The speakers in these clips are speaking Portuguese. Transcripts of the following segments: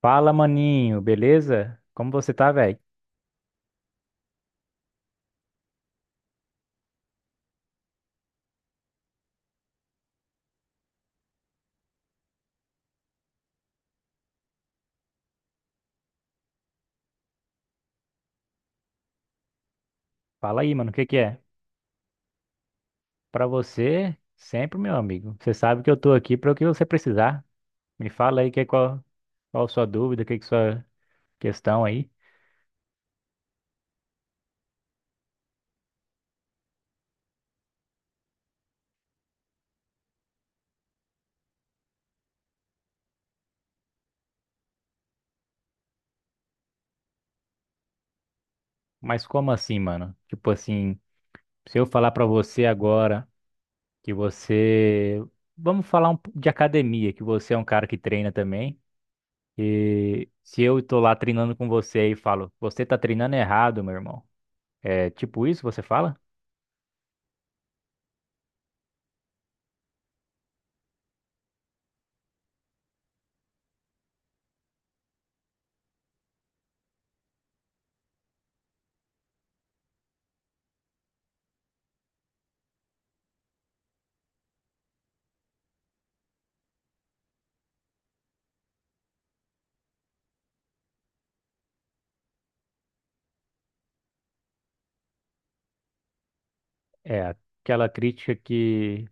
Fala, maninho, beleza? Como você tá, velho? Fala aí, mano, o que que é? Pra você, sempre, meu amigo. Você sabe que eu tô aqui para o que você precisar. Me fala aí que é qual sua dúvida, que sua questão aí. Mas como assim, mano? Tipo assim, se eu falar pra você agora que você, vamos falar um, pouco de academia, que você é um cara que treina também, e se eu tô lá treinando com você e falo, você tá treinando errado, meu irmão. É tipo isso que você fala? É, Aquela crítica que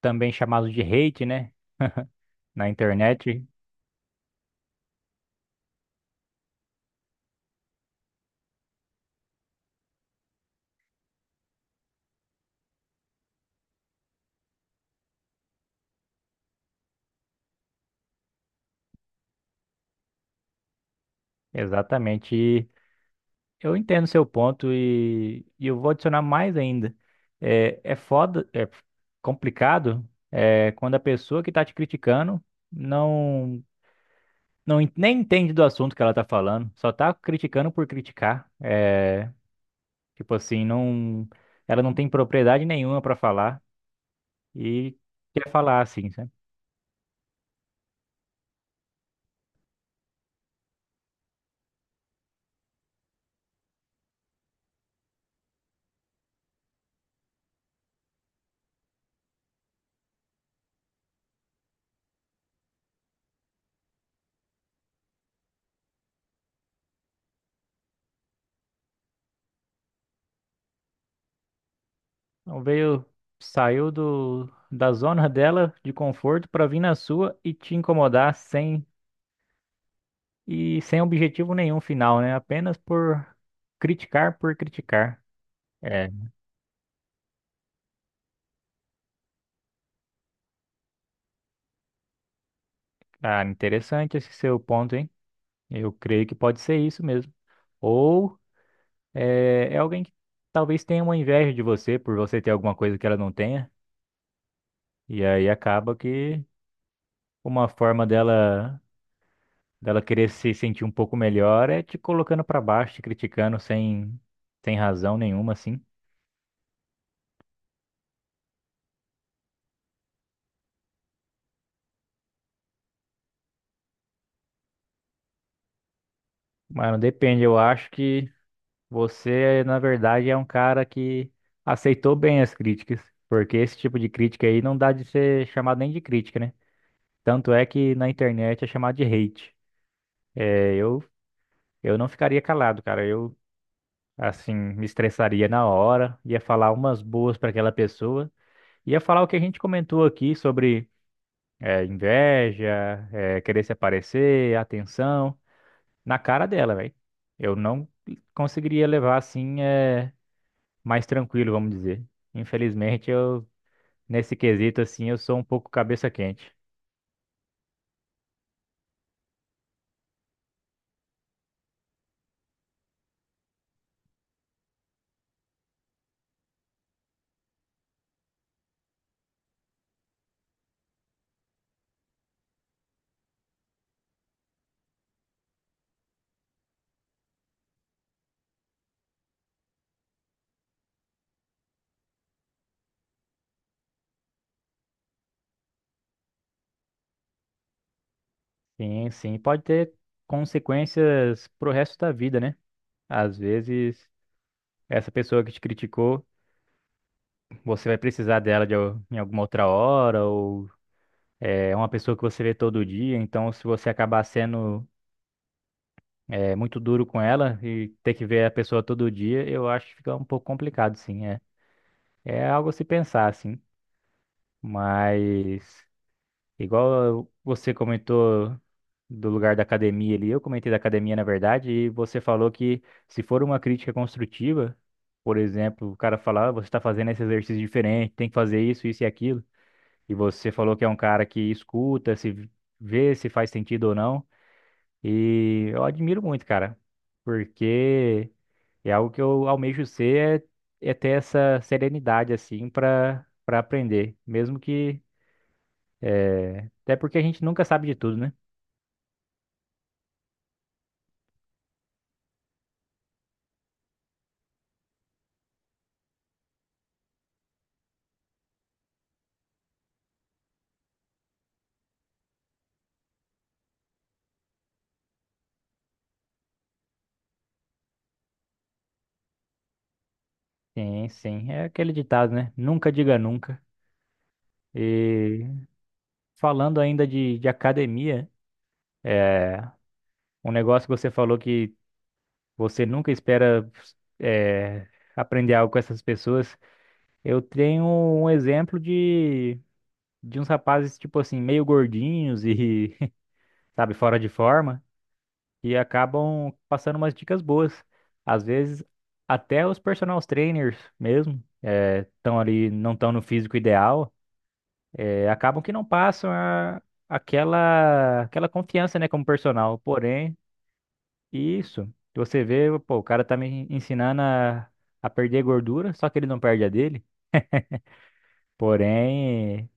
também chamado de hate, né? Na internet. Exatamente. Eu entendo seu ponto e eu vou adicionar mais ainda. É foda, é complicado, é, quando a pessoa que tá te criticando não, nem entende do assunto que ela tá falando, só tá criticando por criticar. É, tipo assim, não, ela não tem propriedade nenhuma pra falar e quer falar assim, sabe? Então veio, saiu da zona dela de conforto para vir na sua e te incomodar sem e sem objetivo nenhum final, né? Apenas por criticar por criticar. É, cara, interessante esse seu ponto, hein? Eu creio que pode ser isso mesmo. Ou é alguém que talvez tenha uma inveja de você por você ter alguma coisa que ela não tenha, e aí acaba que uma forma dela querer se sentir um pouco melhor é te colocando pra baixo, te criticando sem, sem razão nenhuma, assim. Mano, depende. Eu acho que você, na verdade, é um cara que aceitou bem as críticas, porque esse tipo de crítica aí não dá de ser chamado nem de crítica, né? Tanto é que na internet é chamado de hate. É, eu, eu não ficaria calado, cara. Eu, assim, me estressaria na hora, ia falar umas boas pra aquela pessoa, ia falar o que a gente comentou aqui sobre. É, inveja, é, querer se aparecer, atenção, na cara dela, velho. Eu não conseguiria levar assim, é, mais tranquilo, vamos dizer. Infelizmente, eu, nesse quesito, assim, eu sou um pouco cabeça quente. Sim, sim, pode ter consequências pro resto da vida, né? Às vezes, essa pessoa que te criticou, você vai precisar dela em alguma outra hora, ou é uma pessoa que você vê todo dia, então se você acabar sendo é muito duro com ela e ter que ver a pessoa todo dia, eu acho que fica um pouco complicado, sim, é. É algo a se pensar, assim. Mas igual você comentou do lugar da academia ali, eu comentei da academia, na verdade, e você falou que se for uma crítica construtiva, por exemplo, o cara falar, "Ah, você está fazendo esse exercício diferente, tem que fazer isso, isso e aquilo, e você falou que é um cara que escuta, se vê se faz sentido ou não. E eu admiro muito, cara, porque é algo que eu almejo ser, é ter essa serenidade, assim, pra aprender. Mesmo que. Até porque a gente nunca sabe de tudo, né? Sim, sim. É aquele ditado, né? Nunca diga nunca. E falando ainda de academia, é, um negócio que você falou que você nunca espera é, aprender algo com essas pessoas. Eu tenho um exemplo de. De uns rapazes, tipo assim, meio gordinhos e, sabe, fora de forma, e acabam passando umas dicas boas. Às vezes, até os personal trainers mesmo, estão ali, não estão no físico ideal, acabam que não passam a- aquela confiança, né, como personal. Porém, isso, você vê, pô, o cara tá me ensinando a perder gordura, só que ele não perde a dele. Porém.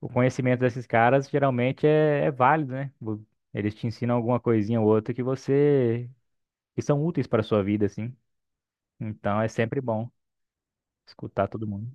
O conhecimento desses caras geralmente é válido, né? Vo- Eles te ensinam alguma coisinha ou outra que você que são úteis para a sua vida, assim. Então é sempre bom escutar todo mundo.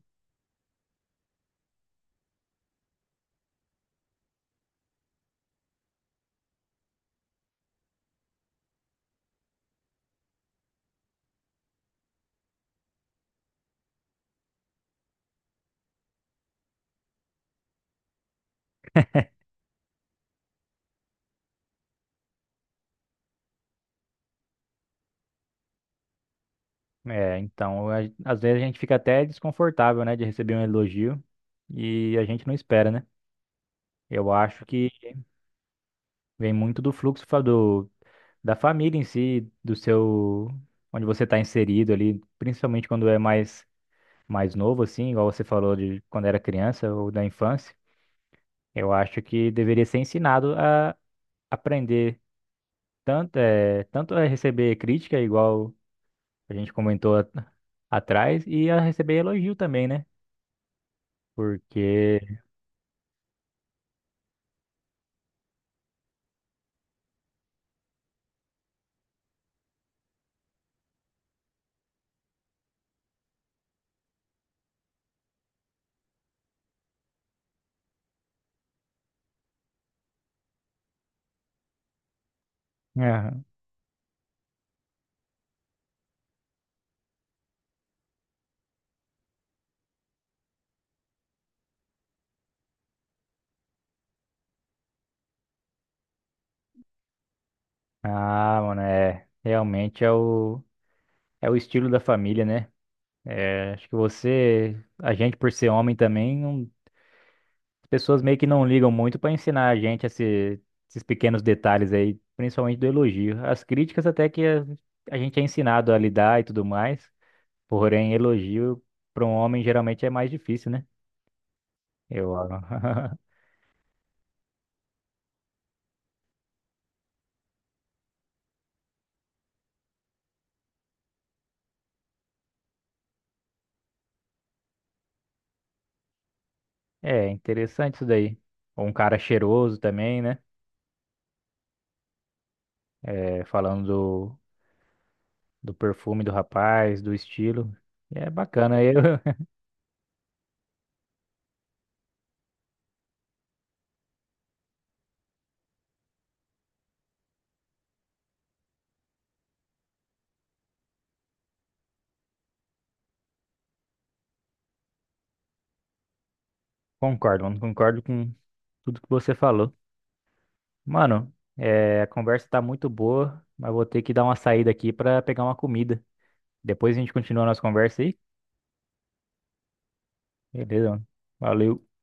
É, então a- às vezes a gente fica até desconfortável, né, de receber um elogio e a gente não espera, né? Eu acho que vem muito do fluxo fa- do, da família em si, do seu onde você está inserido ali, principalmente quando é mais novo, assim, igual você falou de quando era criança ou da infância. Eu acho que deveria ser ensinado a aprender tanto a receber crítica, igual a gente comentou a- atrás, e a receber elogio também, né? Porque, Aham. Ah, mano, realmente é o estilo da família, né? É, acho que você, a gente por ser homem também, não- as pessoas meio que não ligam muito para ensinar a gente esse- esses pequenos detalhes aí, principalmente do elogio. As críticas até que a gente é ensinado a lidar e tudo mais. Porém, elogio para um homem geralmente é mais difícil, né? Eu, é interessante isso daí. Um cara cheiroso também, né? É, falando do, do perfume do rapaz, do estilo. É bacana, eu concordo, mano. Concordo com tudo que você falou. Mano, é, a conversa tá muito boa, mas vou ter que dar uma saída aqui pra pegar uma comida. Depois a gente continua a nossa conversa aí. Beleza, mano. Valeu.